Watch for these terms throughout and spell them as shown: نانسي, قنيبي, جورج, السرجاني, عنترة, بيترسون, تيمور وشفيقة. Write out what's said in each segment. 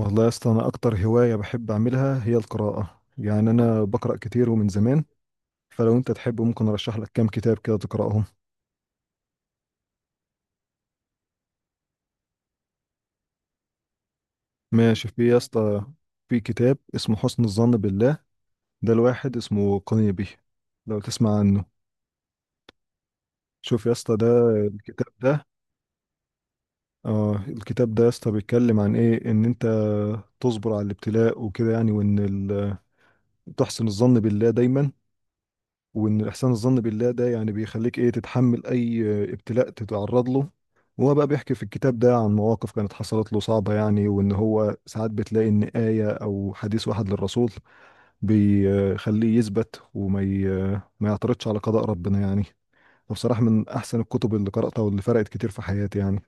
والله يا اسطى، انا اكتر هوايه بحب اعملها هي القراءه. يعني انا بقرا كتير ومن زمان. فلو انت تحب ممكن ارشح لك كام كتاب كده تقراهم. ماشي، في يا اسطى. في كتاب اسمه حسن الظن بالله، ده الواحد اسمه قنيبي، لو تسمع عنه. شوف يا اسطى ده الكتاب ده. اه، الكتاب ده يا اسطى بيتكلم عن ايه، ان انت تصبر على الابتلاء وكده يعني. وان تحسن الظن بالله دايما. وان احسان الظن بالله ده يعني بيخليك ايه، تتحمل اي ابتلاء تتعرض له. وهو بقى بيحكي في الكتاب ده عن مواقف كانت حصلت له صعبة يعني. وان هو ساعات بتلاقي ان آية او حديث واحد للرسول بيخليه يثبت ما يعترضش على قضاء ربنا يعني. فبصراحة من احسن الكتب اللي قرأتها واللي فرقت كتير في حياتي يعني.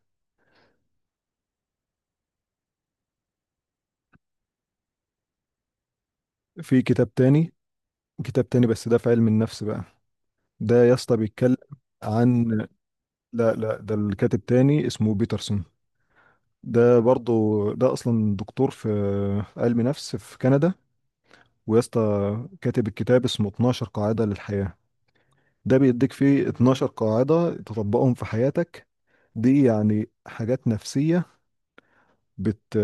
في كتاب تاني. بس ده في علم النفس بقى. ده يا اسطى بيتكلم عن... لا لا، ده الكاتب تاني اسمه بيترسون، ده برضو ده اصلا دكتور في علم نفس في كندا. ويا اسطى، كاتب الكتاب اسمه 12 قاعدة للحياة. ده بيديك فيه 12 قاعدة تطبقهم في حياتك. دي يعني حاجات نفسية بت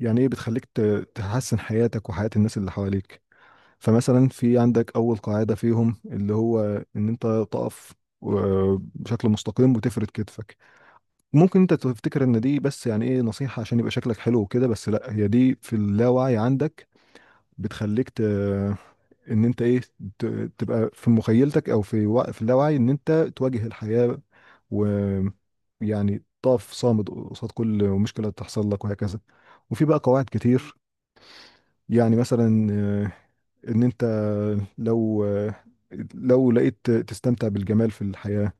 يعني ايه، بتخليك تحسن حياتك وحياة الناس اللي حواليك. فمثلا في عندك اول قاعدة فيهم اللي هو ان انت تقف بشكل مستقيم وتفرد كتفك. ممكن انت تفتكر ان دي بس يعني ايه، نصيحة عشان يبقى شكلك حلو وكده، بس لا، هي دي في اللاوعي عندك بتخليك ان انت ايه، ت... تبقى في مخيلتك او في اللاوعي ان انت تواجه الحياة. ويعني تقف صامد قصاد كل مشكلة تحصل لك وهكذا. وفي بقى قواعد كتير. يعني مثلا ان انت لو لو لقيت تستمتع بالجمال في الحياة.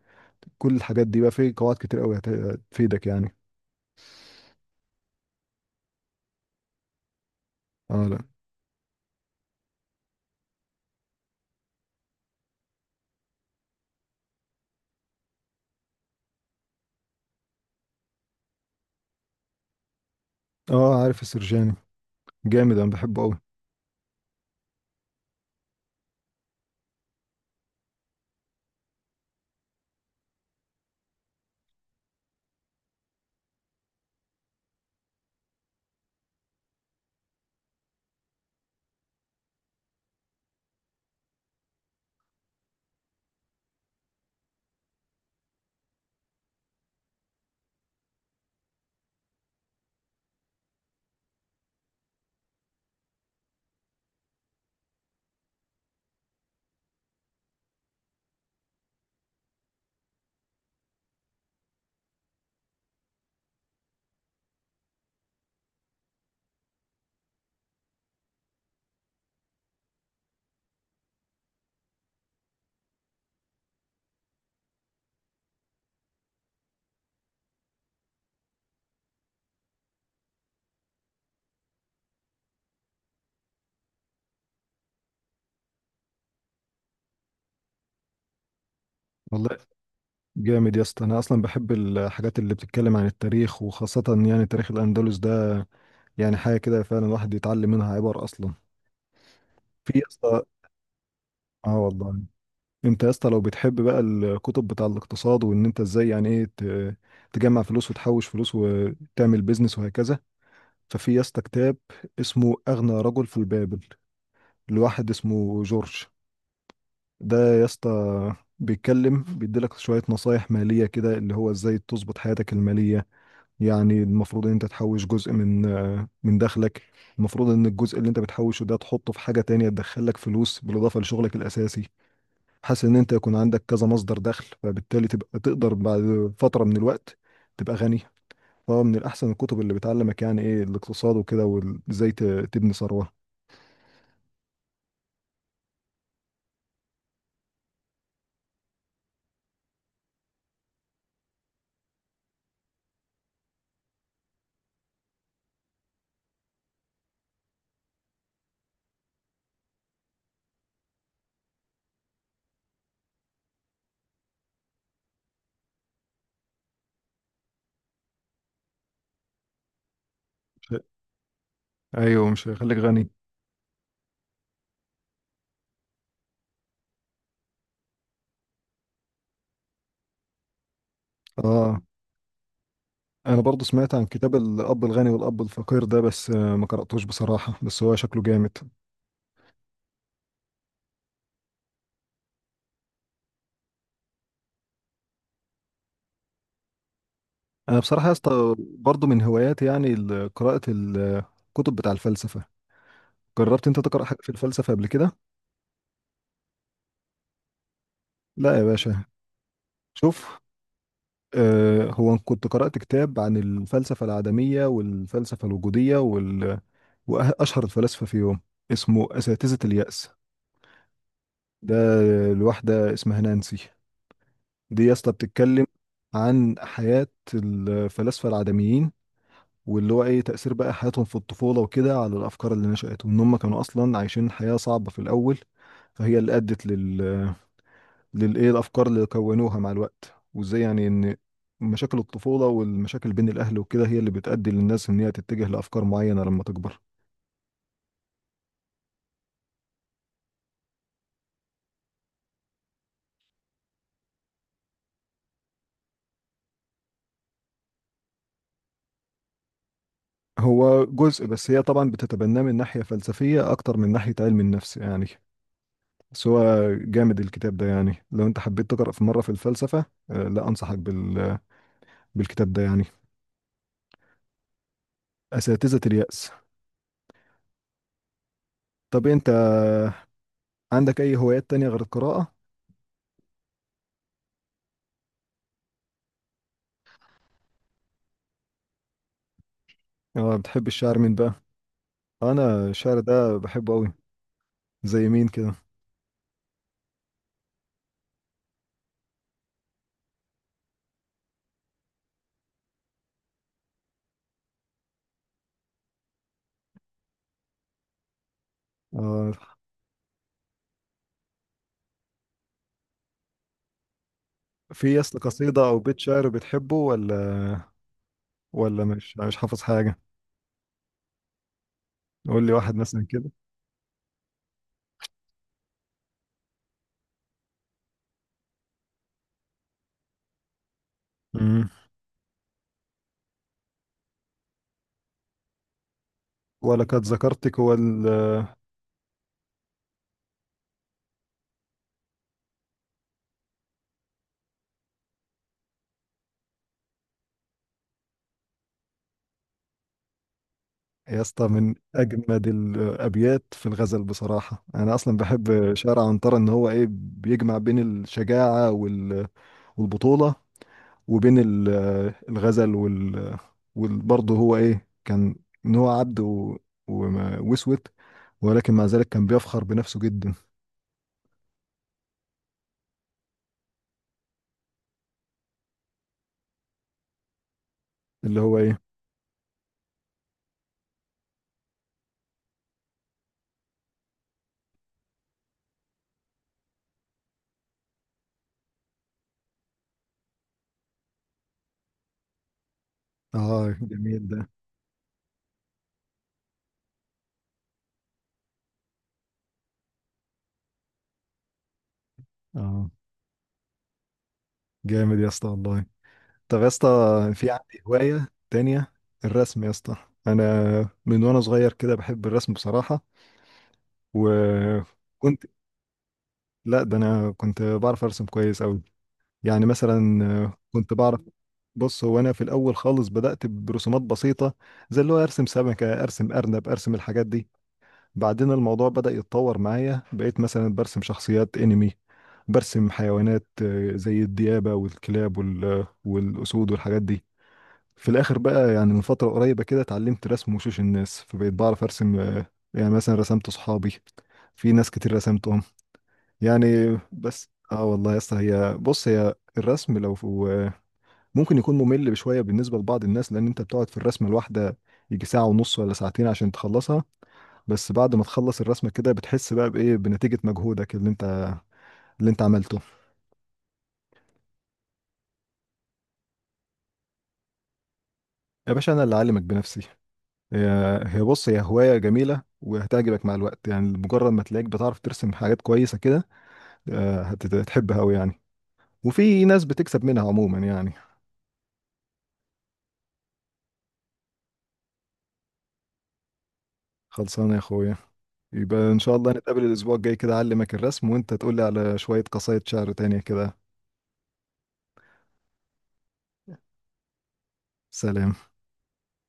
كل الحاجات دي بقى في قواعد كتير قوي هتفيدك يعني. اه لا. اه، عارف السرجاني، جامد، انا بحبه قوي. والله جامد يا اسطى، انا اصلا بحب الحاجات اللي بتتكلم عن التاريخ وخاصه يعني تاريخ الاندلس ده. يعني حاجه كده فعلا الواحد يتعلم منها عبر اصلا. في يا اسطى، اه والله. انت يا اسطى لو بتحب بقى الكتب بتاع الاقتصاد وان انت ازاي يعني ايه تجمع فلوس وتحوش فلوس وتعمل بيزنس وهكذا. ففي يا اسطى كتاب اسمه اغنى رجل في البابل، لواحد اسمه جورج. ده يا اسطى بيتكلم، بيديلك شوية نصايح مالية كده، اللي هو ازاي تظبط حياتك المالية. يعني المفروض ان انت تحوش جزء من دخلك. المفروض ان الجزء اللي انت بتحوشه ده تحطه في حاجة تانية تدخلك فلوس بالإضافة لشغلك الأساسي. حاسس ان انت يكون عندك كذا مصدر دخل، فبالتالي تبقى تقدر بعد فترة من الوقت تبقى غني. فمن الأحسن الكتب اللي بتعلمك يعني ايه الاقتصاد وكده وازاي تبني ثروة. مش هي- ايوه، مش هيخليك غني. اه، انا برضو سمعت عن كتاب الاب الغني والاب الفقير ده، بس ما قراتوش بصراحه، بس هو شكله جامد. انا بصراحه يا اسطى برضو من هواياتي يعني قراءه الكتب بتاع الفلسفه. جربت انت تقرا حاجه في الفلسفه قبل كده؟ لا يا باشا. شوف، هو أنا كنت قرات كتاب عن الفلسفه العدميه والفلسفه الوجوديه واشهر الفلاسفه فيهم، اسمه اساتذه اليأس. ده الواحده اسمها نانسي. دي يا اسطى بتتكلم عن حياه الفلاسفه العدميين، واللي هو ايه تأثير بقى حياتهم في الطفولة وكده على الأفكار اللي نشأت. وإن هم كانوا أصلا عايشين حياة صعبة في الأول، فهي اللي أدت للإيه الأفكار اللي كونوها مع الوقت. وإزاي يعني إن مشاكل الطفولة والمشاكل بين الأهل وكده هي اللي بتأدي للناس إن هي تتجه لأفكار معينة لما تكبر. هو جزء، بس هي طبعا بتتبناه من ناحية فلسفية أكتر من ناحية علم النفس يعني. بس هو جامد الكتاب ده، يعني لو أنت حبيت تقرأ في مرة في الفلسفة، لا أنصحك بالكتاب ده يعني. أساتذة اليأس. طب انت عندك أي هوايات تانية غير القراءة؟ آه، بتحب الشعر مين بقى؟ أنا الشعر ده بحبه أوي. زي مين كده؟ آه، في يس قصيدة أو بيت شعر بتحبه ولا... ولا مش حافظ حاجة؟ قول لي واحد مثلا كده. امم. ولقد ذكرتك يا اسطى، من أجمد الأبيات في الغزل بصراحة. أنا أصلا بحب شعر عنترة، إن هو إيه بيجمع بين الشجاعة والبطولة وبين الغزل وبرضه هو ايه كان، ان هو عبد واسود، ولكن مع ذلك كان بيفخر بنفسه جدا. اللي هو ايه. اه جميل ده. اه جامد يا اسطى والله. طب يا اسطى، في عندي هواية تانية، الرسم يا اسطى. انا من وانا صغير كده بحب الرسم بصراحة، وكنت... لا، ده انا كنت بعرف ارسم كويس قوي. يعني مثلا كنت بعرف... بص، هو انا في الاول خالص بدات برسومات بسيطه، زي اللي هو ارسم سمكه، ارسم ارنب، ارسم الحاجات دي. بعدين الموضوع بدا يتطور معايا، بقيت مثلا برسم شخصيات انمي، برسم حيوانات زي الديابه والكلاب والاسود والحاجات دي. في الاخر بقى، يعني من فتره قريبه كده، اتعلمت رسم وشوش الناس، فبقيت بعرف ارسم يعني مثلا رسمت صحابي، في ناس كتير رسمتهم يعني. بس اه والله يا اسطى، هي الرسم لو آه، ممكن يكون ممل بشوية بالنسبة لبعض الناس، لأن أنت بتقعد في الرسمة الواحدة يجي ساعة ونص ولا ساعتين عشان تخلصها. بس بعد ما تخلص الرسمة كده بتحس بقى بإيه، بنتيجة مجهودك اللي أنت عملته. يا باشا أنا اللي أعلمك بنفسي. هي هي هواية جميلة وهتعجبك مع الوقت، يعني مجرد ما تلاقيك بتعرف ترسم حاجات كويسة كده هتحبها أوي يعني. وفي ناس بتكسب منها عموما يعني. خلصانة يا أخويا. يبقى إن شاء الله نتقابل الأسبوع الجاي كده، أعلمك الرسم وأنت تقولي على شوية قصايد شعر تانية كده. سلام.